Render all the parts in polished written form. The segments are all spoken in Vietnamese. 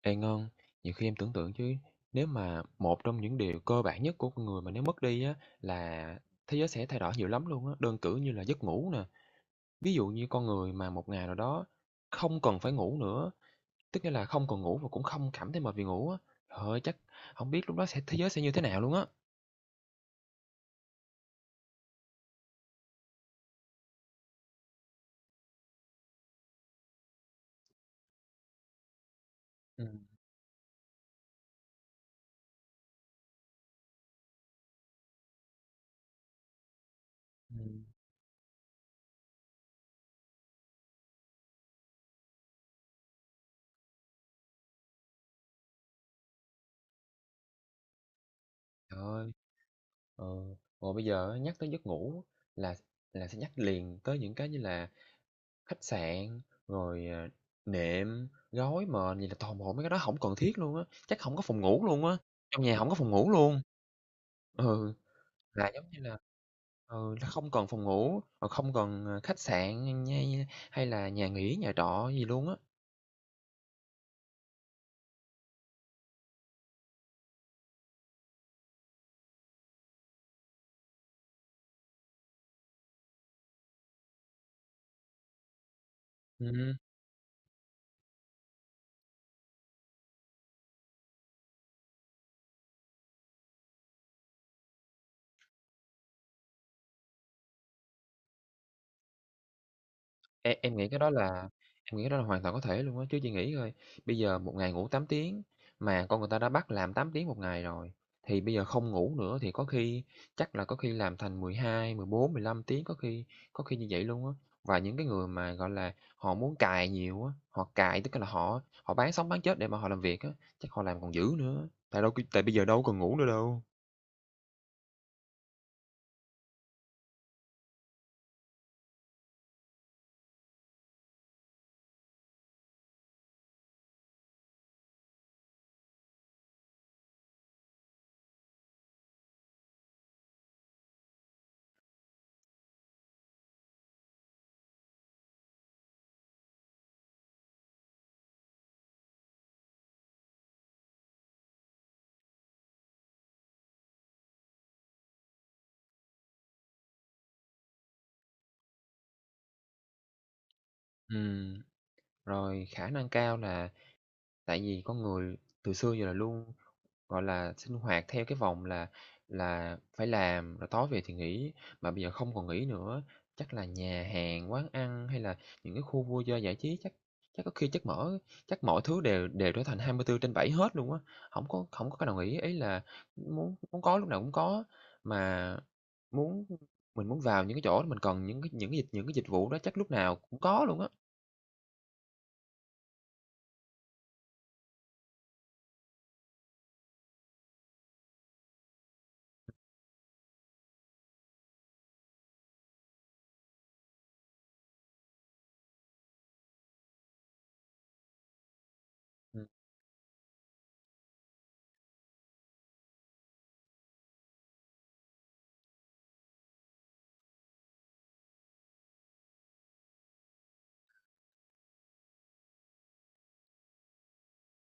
Ê Ngân, nhiều khi em tưởng tượng chứ nếu mà một trong những điều cơ bản nhất của con người mà nếu mất đi á là thế giới sẽ thay đổi nhiều lắm luôn á, đơn cử như là giấc ngủ nè. Ví dụ như con người mà một ngày nào đó không cần phải ngủ nữa, tức nghĩa là không còn ngủ và cũng không cảm thấy mệt vì ngủ á. Trời ơi, chắc không biết lúc đó thế giới sẽ như thế nào luôn á. Ừ. Ừ. Trời ơi, ờ, rồi bây giờ á, nhắc tới giấc ngủ là là sẽ nhắc liền tới những cái như là khách sạn, rồi, nệm, gối, mền, gì là toàn bộ mấy cái đó không cần thiết luôn á, chắc không có phòng ngủ luôn á, trong nhà không có phòng ngủ luôn. Ừ, là giống như là là không cần phòng ngủ, rồi không cần, khách sạn hay hay là nhà nghỉ, nhà trọ gì luôn á. Ừm. Em nghĩ cái đó là hoàn toàn có thể luôn á, chứ chị nghĩ coi, bây giờ một ngày ngủ 8 tiếng, mà con người ta đã bắt làm 8 tiếng một ngày rồi, thì bây giờ không ngủ nữa thì có khi chắc là có khi làm thành mười mười hai, mười bốn, mười lăm tiếng, có khi như vậy luôn á. Và những cái người mà, gọi là, họ muốn cày nhiều á, họ cày tức là họ họ bán sống bán chết để mà họ làm việc á, chắc họ làm còn dữ nữa, tại đâu tại bây giờ đâu còn ngủ nữa đâu. Ừ, rồi khả năng cao là tại vì con người từ xưa giờ là luôn, gọi là, sinh hoạt theo cái vòng là phải làm, rồi tối về thì nghỉ, mà bây giờ không còn nghỉ nữa. Chắc là nhà hàng, quán ăn hay là những cái khu vui chơi giải trí chắc chắc có khi chắc mọi thứ đều đều trở thành 24/7 hết luôn á, không có cái nào nghỉ. Ý là muốn muốn có lúc nào cũng có, mà muốn mình muốn vào những cái chỗ đó mình cần những cái dịch vụ đó chắc lúc nào cũng có luôn á. Ừm.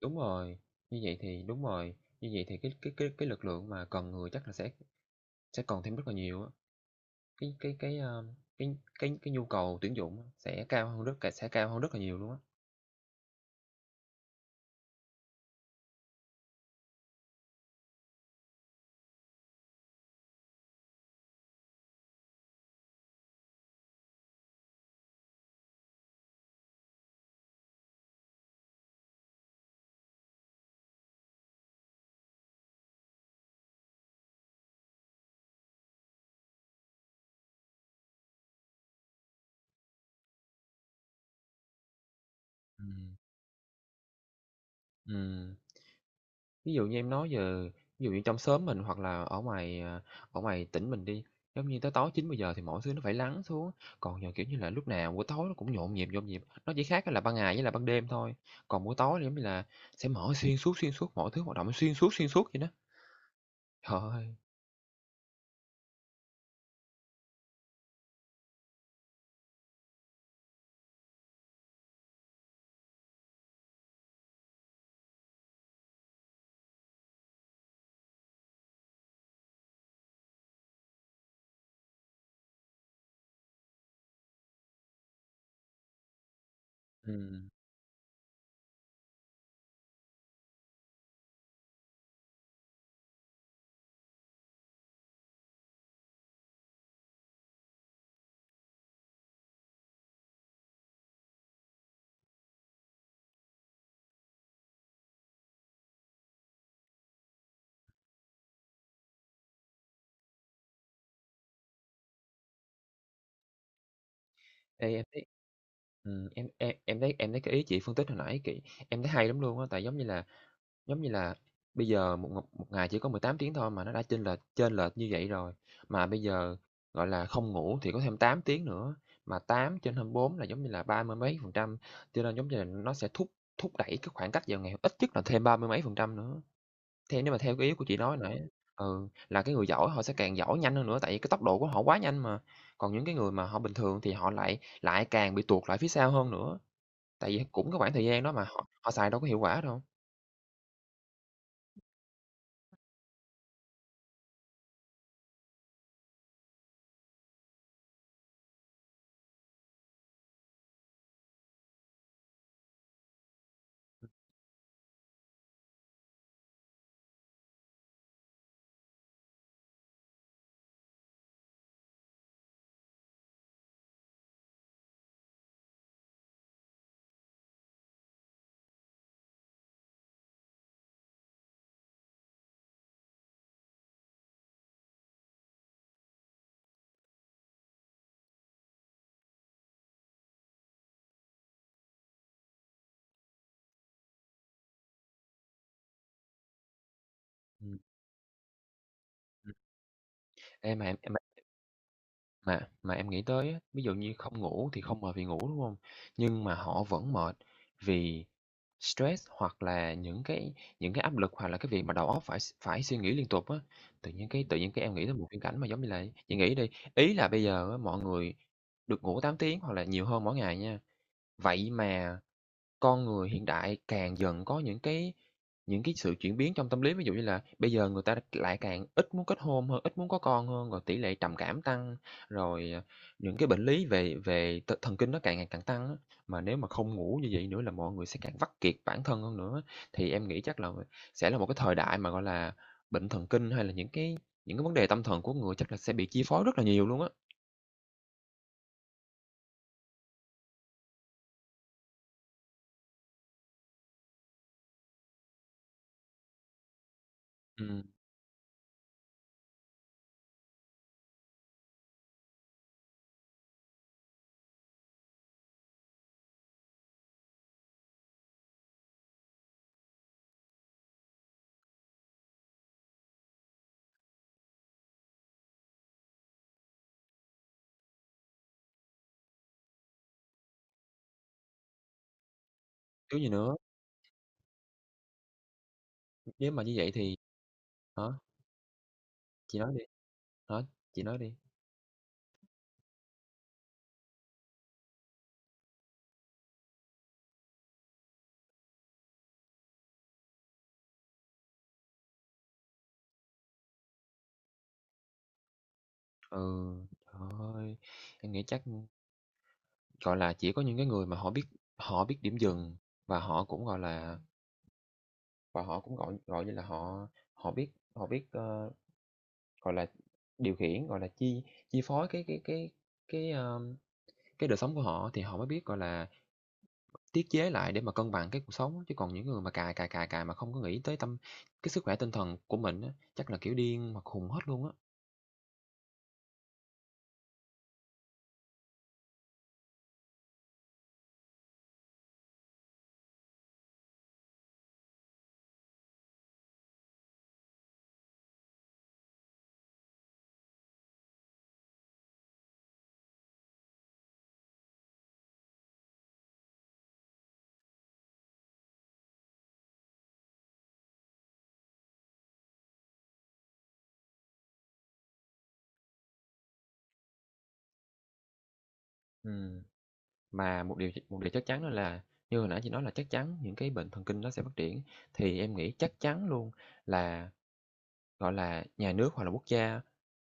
Đúng rồi, như vậy thì đúng rồi, như vậy thì cái lực lượng mà cần người chắc là sẽ còn thêm rất là nhiều á. Cái, a, cái cái nhu cầu tuyển dụng á sẽ cao hơn rất là nhiều luôn á. Ừm. Ừm, ví dụ như em nói giờ ví dụ như trong xóm mình hoặc là ở ngoài tỉnh mình đi, giống như tới tối 900 giờ thì mọi thứ nó phải lắng xuống, còn giờ, kiểu như là, lúc nào buổi tối nó cũng nhộn nhịp, nó chỉ khác là ban ngày với là ban đêm thôi, còn buổi tối thì giống như là sẽ mở xuyên suốt, mọi thứ hoạt động xuyên suốt vậy đó. Trời ơi! Ừm, ê, em thấy cái ý chị phân tích hồi nãy, kỹ em thấy hay lắm luôn á, tại giống như là bây giờ một một một ngày chỉ có 18 tiếng thôi mà nó đã chênh lệch như vậy rồi, mà bây giờ, gọi là, không ngủ thì có thêm 8 tiếng nữa, mà 8/24 là giống như là ba mươi mấy phần trăm, cho nên giống như là nó sẽ thúc thúc đẩy cái khoảng cách vào ngày ít nhất là thêm ba mươi mấy phần trăm nữa. Theo nếu mà theo cái ý của chị nói nãy. Ừ, là cái người giỏi họ sẽ càng giỏi nhanh hơn nữa, tại vì cái tốc độ của họ quá nhanh mà. Còn những cái người mà họ bình thường thì họ lại lại càng bị tuột lại phía sau hơn nữa, tại vì cũng cái khoảng thời gian đó mà họ họ xài đâu có hiệu quả đâu. Ừm, ừm. Ê, mà em nghĩ tới á, ví dụ như không ngủ thì không mệt vì ngủ, đúng không? Nhưng mà họ vẫn mệt vì stress hoặc là những cái áp lực hoặc là cái việc mà đầu óc phải suy nghĩ liên tục á. Tự nhiên cái em nghĩ tới một viễn cảnh mà giống như là chị nghĩ đi, ý là bây giờ á mọi người được ngủ 8 tiếng hoặc là nhiều hơn mỗi ngày nha, vậy mà con người hiện đại càng dần có những cái sự chuyển biến trong tâm lý. Ví dụ như là bây giờ người ta lại càng ít muốn kết hôn hơn, ít muốn có con hơn, rồi tỷ lệ trầm cảm tăng, rồi, những cái bệnh lý về về thần kinh nó càng ngày càng tăng á. Mà nếu mà không ngủ như vậy nữa là mọi người sẽ càng vắt kiệt bản thân hơn nữa. Thì em nghĩ chắc là sẽ là một cái thời đại mà, gọi là, bệnh thần kinh hay là những cái vấn đề tâm thần của người chắc là sẽ bị chi phối rất là nhiều luôn á. Ừm, kiểu gì nữa, nếu mà như vậy thì hả? Chị nói đi. Hả? Chị nói đi. Ừ, trời ơi, em nghĩ chắc, gọi là, chỉ có những cái người mà họ biết điểm dừng và họ cũng, gọi là, và họ cũng, gọi gọi như là, họ họ biết họ biết, gọi là, điều khiển, gọi là, chi chi phối cái, a, cái đời sống của họ thì họ mới biết, gọi là, tiết chế lại để mà cân bằng cái cuộc sống á. Chứ còn những người mà cài cài cài cài mà không có nghĩ tới cái sức khỏe tinh thần của mình á, chắc là, kiểu, điên mà khùng hết luôn á. Ừm. Mà một điều chắc chắn đó là như hồi nãy chị nói là chắc chắn những cái bệnh thần kinh nó sẽ phát triển, thì em nghĩ chắc chắn luôn là gọi là, nhà nước hoặc là quốc gia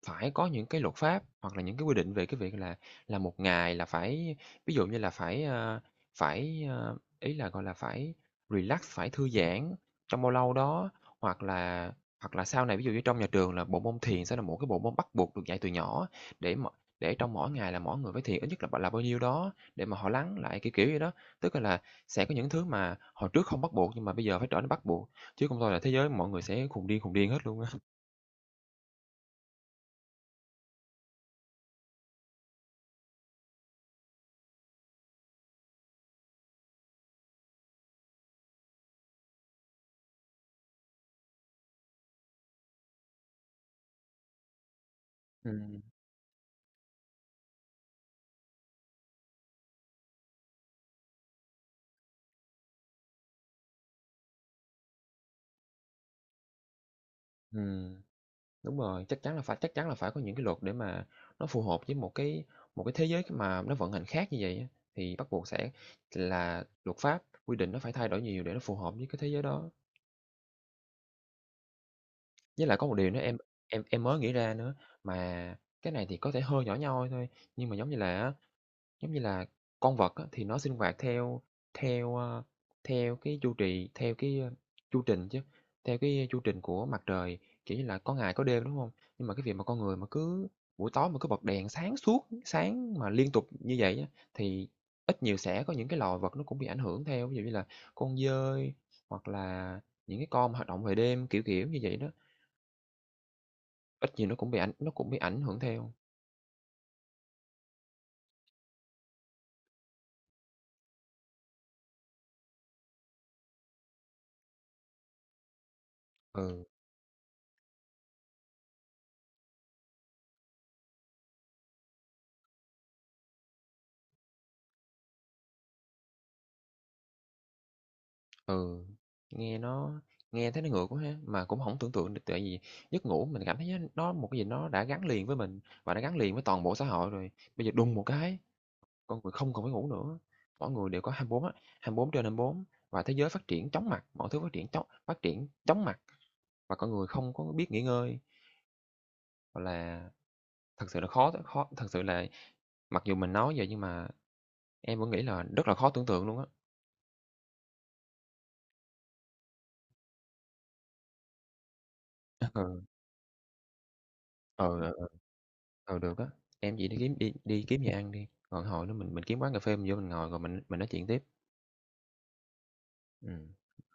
phải có những cái luật pháp hoặc là những cái quy định về cái việc là một ngày là phải ví dụ như là phải, ý là, gọi là, phải relax, phải thư giãn trong bao lâu đó, hoặc là hoặc là sau này ví dụ như trong nhà trường là bộ môn thiền sẽ là một cái bộ môn bắt buộc được dạy từ nhỏ để m để trong mỗi ngày là mỗi người phải thiền ít nhất là b là bao nhiêu đó để mà họ lắng lại, kiểu như đó. Tức là sẽ có những thứ mà hồi trước không bắt buộc nhưng mà bây giờ phải trở nên bắt buộc, chứ không thôi là thế giới mọi người sẽ khùng điên hết luôn á. Ừm, ừm, đúng rồi, chắc chắn là phải có những cái luật để mà nó phù hợp với một cái thế giới mà nó vận hành khác như vậy á, thì bắt buộc sẽ là luật pháp, quy định nó phải thay đổi nhiều để nó phù hợp với cái thế giới đó. Với lại có một điều nữa em em mới nghĩ ra nữa, mà cái này thì có thể hơi nhỏ nhoi thôi, nhưng mà giống như là con vật á, thì nó sinh hoạt theo theo, ơ, theo cái chu trì chu trình chứ, theo cái chu trình của mặt trời, kiểu như là, có ngày có đêm, đúng không? Nhưng mà cái việc mà con người mà cứ buổi tối mà cứ bật đèn sáng suốt, sáng mà liên tục như vậy á, thì ít nhiều sẽ có những cái loài vật nó cũng bị ảnh hưởng theo. Ví dụ như là con dơi hoặc là những cái con mà hoạt động về đêm, kiểu như vậy đó, ít nhiều nó cũng bị ảnh hưởng theo. Ừ. Ừ, nghe nó nghe thấy nó ngược quá ha, mà cũng không tưởng tượng được tại vì giấc ngủ mình cảm thấy nó một cái gì nó đã gắn liền với mình và nó gắn liền với toàn bộ xã hội rồi. Bây giờ đùng một cái, con người không còn phải ngủ nữa, mỗi người đều có 24 á, 24/24 và thế giới phát triển chóng mặt, mọi thứ phát triển chóng mặt và con người không có biết nghỉ ngơi, hoặc là, thật sự là khó khó thật sự là mặc dù mình nói vậy nhưng mà em vẫn nghĩ là rất là khó tưởng tượng luôn á. Ừ, ừ. Ờ được á, em chỉ đi kiếm gì ăn đi, còn hồi đó mình kiếm quán cà phê mình vô mình ngồi rồi mình nói chuyện tiếp. Ừm.